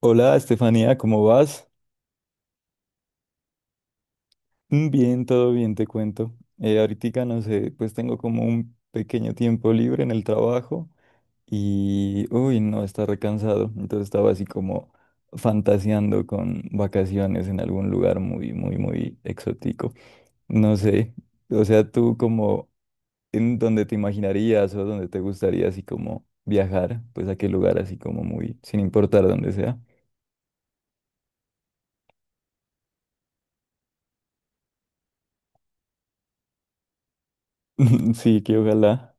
Hola, Estefanía, ¿cómo vas? Mm, bien, todo bien, te cuento. Ahorita, no sé, pues tengo como un pequeño tiempo libre en el trabajo y, uy, no, está recansado. Entonces estaba así como fantaseando con vacaciones en algún lugar muy, muy, muy exótico. No sé, o sea, tú como en donde te imaginarías o donde te gustaría así como viajar, pues a qué lugar así como muy, sin importar dónde sea. Sí, que ojalá.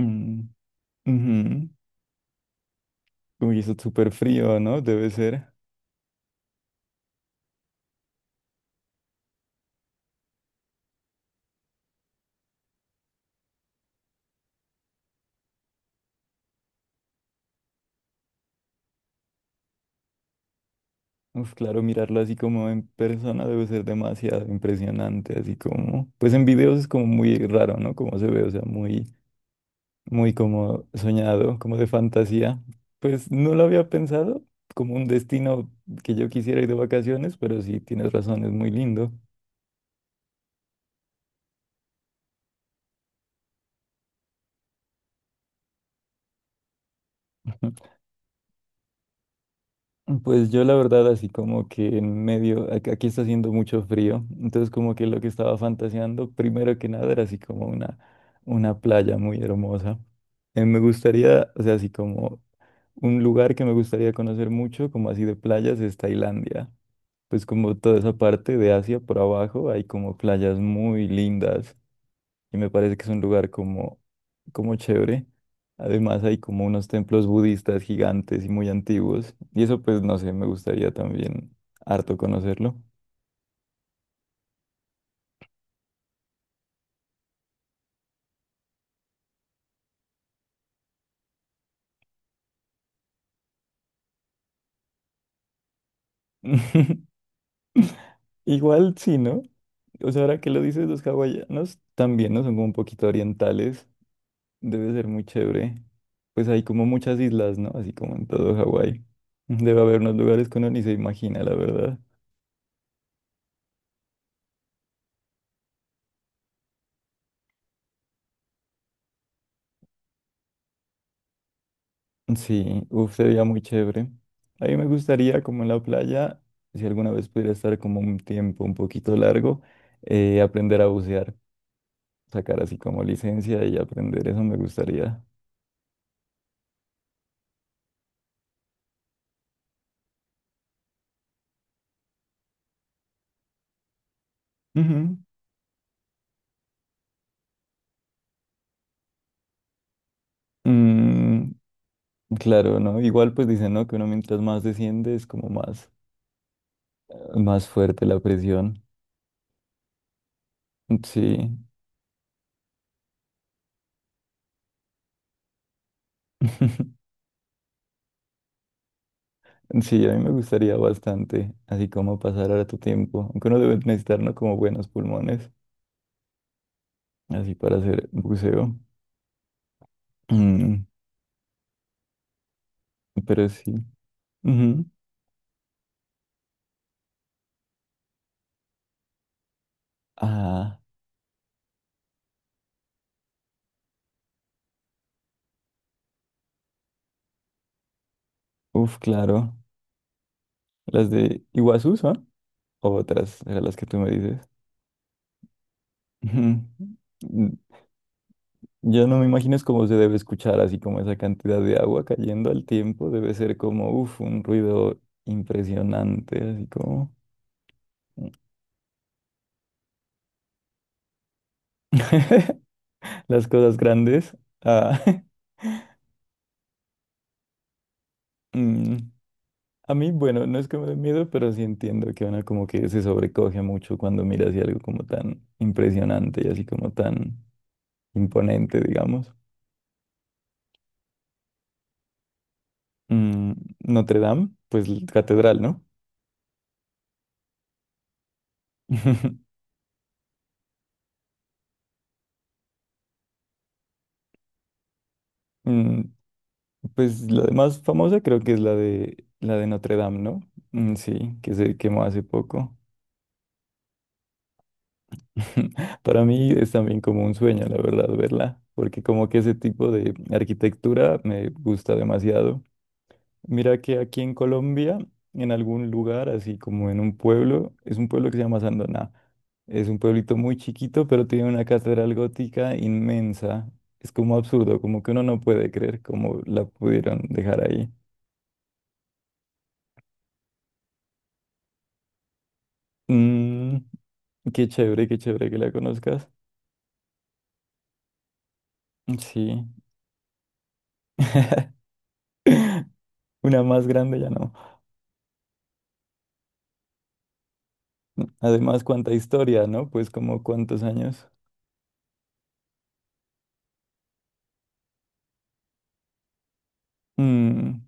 Mm, ujú. Uy, eso es súper frío, ¿no? Debe ser. Uf, claro, mirarlo así como en persona debe ser demasiado impresionante, así como, pues en videos es como muy raro, ¿no? Como se ve, o sea, muy, muy como soñado, como de fantasía. Pues no lo había pensado como un destino que yo quisiera ir de vacaciones, pero sí, tienes razón, es muy lindo. Pues yo la verdad así como que en medio, aquí está haciendo mucho frío, entonces como que lo que estaba fantaseando primero que nada era así como una playa muy hermosa. Me gustaría, o sea, así como un lugar que me gustaría conocer mucho, como así de playas, es Tailandia. Pues como toda esa parte de Asia por abajo hay como playas muy lindas y me parece que es un lugar como, como chévere. Además hay como unos templos budistas gigantes y muy antiguos y eso pues no sé, me gustaría también harto conocerlo. Igual sí, ¿no? O sea, ahora que lo dices, los hawaianos también, ¿no? Son como un poquito orientales, debe ser muy chévere. Pues hay como muchas islas, ¿no? Así como en todo Hawái. Debe haber unos lugares que uno ni se imagina, la verdad. Sí, uf, sería muy chévere. A mí me gustaría, como en la playa, si alguna vez pudiera estar como un tiempo un poquito largo, aprender a bucear, sacar así como licencia y aprender, eso me gustaría. Ujú. Mm, claro, ¿no? Igual pues dicen, ¿no? Que uno mientras más desciende es como más, más fuerte la presión. Sí. Sí, a mí me gustaría bastante, así como pasar harto tiempo, aunque uno debe necesitar, ¿no? Como buenos pulmones, así para hacer buceo. Mm, pero sí. Ujú. Ah, uf, claro. Las de Iguazú son o otras, eran las que tú me dices. Ujú. Mm, yo no me imagino es cómo se debe escuchar, así como esa cantidad de agua cayendo al tiempo. Debe ser como, uf, un ruido impresionante, así como las cosas grandes. Ah, mm, a mí, bueno, no es que me dé miedo, pero sí entiendo que uno como que se sobrecoge mucho cuando mira así algo como tan impresionante y así como tan imponente, digamos. Mm, Notre Dame, pues catedral, ¿no? Mm, pues la más famosa creo que es la de Notre Dame, ¿no? Mm, sí, que se quemó hace poco. Para mí es también como un sueño, la verdad, verla, porque como que ese tipo de arquitectura me gusta demasiado. Mira que aquí en Colombia, en algún lugar, así como en un pueblo, es un pueblo que se llama Sandoná. Es un pueblito muy chiquito, pero tiene una catedral gótica inmensa. Es como absurdo, como que uno no puede creer cómo la pudieron dejar ahí. Mm, qué chévere que la conozcas. Sí. Una más grande ya no. Además, cuánta historia, ¿no? Pues como cuántos años. Mm,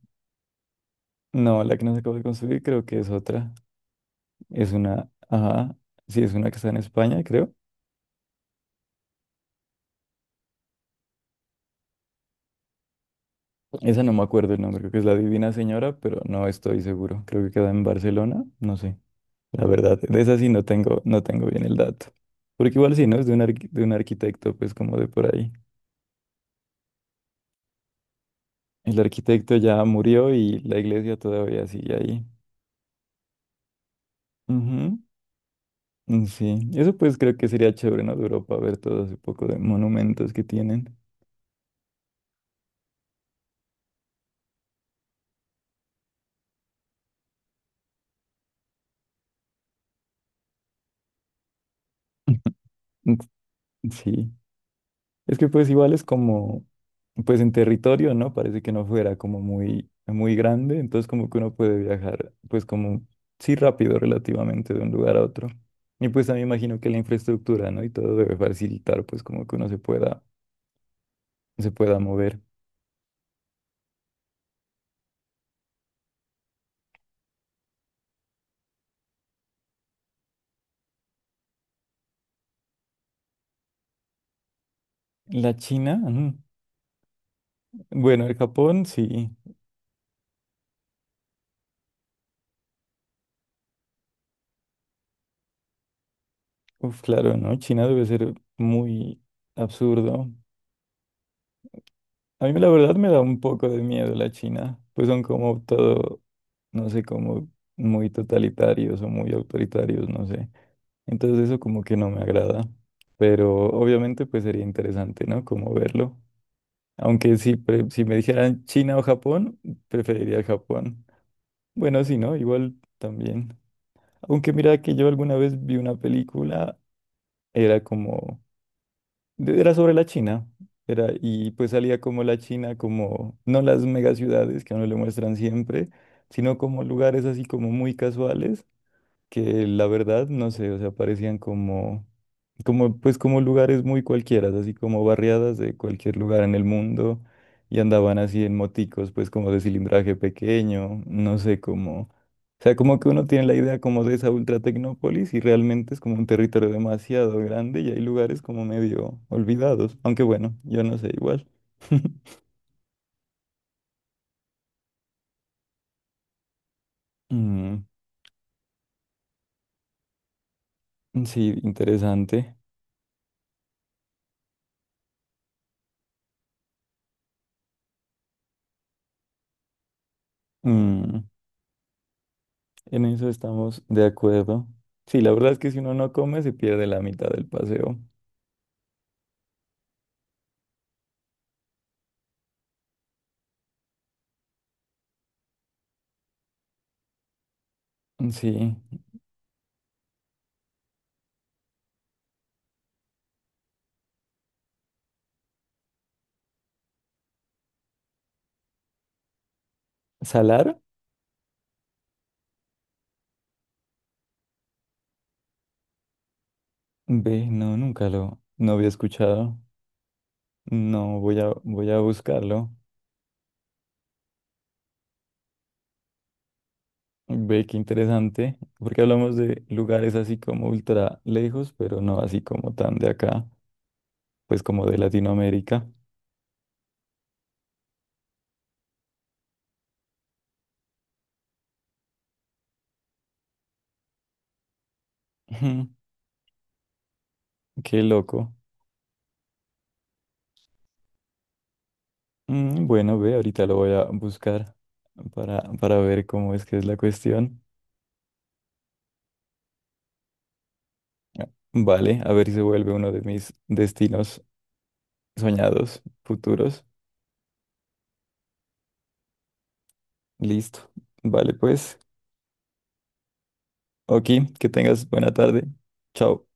no, la que nos acabo de construir creo que es otra. Es una, ajá, sí, es una que está en España, creo. Esa no me acuerdo el nombre, creo que es La Divina Señora, pero no estoy seguro. Creo que queda en Barcelona, no sé. La verdad, de esa sí no tengo, no tengo bien el dato. Porque igual sí, ¿no? Es de un, de un arquitecto, pues como de por ahí. El arquitecto ya murió y la iglesia todavía sigue ahí. Ujú, mm, sí, eso pues creo que sería chévere, ¿no? De Europa, ver todo ese poco de monumentos que tienen. Sí. Es que pues igual es como, pues en territorio, ¿no? Parece que no fuera como muy, muy grande, entonces como que uno puede viajar, pues como, sí, rápido relativamente de un lugar a otro. Y pues también imagino que la infraestructura, ¿no? Y todo debe facilitar, pues como que uno se pueda mover. La China, mm, bueno, el Japón, sí, uf, claro, ¿no? China debe ser muy absurdo. A mí la verdad me da un poco de miedo la China, pues son como todo, no sé, como muy totalitarios o muy autoritarios, no sé. Entonces eso como que no me agrada, pero obviamente pues sería interesante, ¿no? Como verlo. Aunque si, si me dijeran China o Japón, preferiría Japón. Bueno, si no, igual también. Aunque mira que yo alguna vez vi una película, era como era sobre la China. Era, y pues salía como la China, como no las megaciudades que a uno le muestran siempre, sino como lugares así como muy casuales que la verdad, no sé, o sea, parecían como, como, pues como lugares muy cualquiera, así como barriadas de cualquier lugar en el mundo, y andaban así en moticos, pues como de cilindraje pequeño, no sé, como, o sea, como que uno tiene la idea como de esa ultra tecnópolis y realmente es como un territorio demasiado grande y hay lugares como medio olvidados, aunque bueno, yo no sé, igual. Mm, sí, interesante. Mm, en eso estamos de acuerdo. Sí, la verdad es que si uno no come, se pierde la mitad del paseo. Sí. ¿Salar? Ve, no, nunca lo, no había escuchado. No, voy a, voy a buscarlo. Ve, qué interesante. Porque hablamos de lugares así como ultra lejos, pero no así como tan de acá, pues como de Latinoamérica. Ujú, qué loco. Mm, bueno, ve, ahorita lo voy a buscar para ver cómo es que es la cuestión. Vale, a ver si se vuelve uno de mis destinos soñados, futuros. Listo. Vale, pues, oki, que tengas buena tarde. Chao.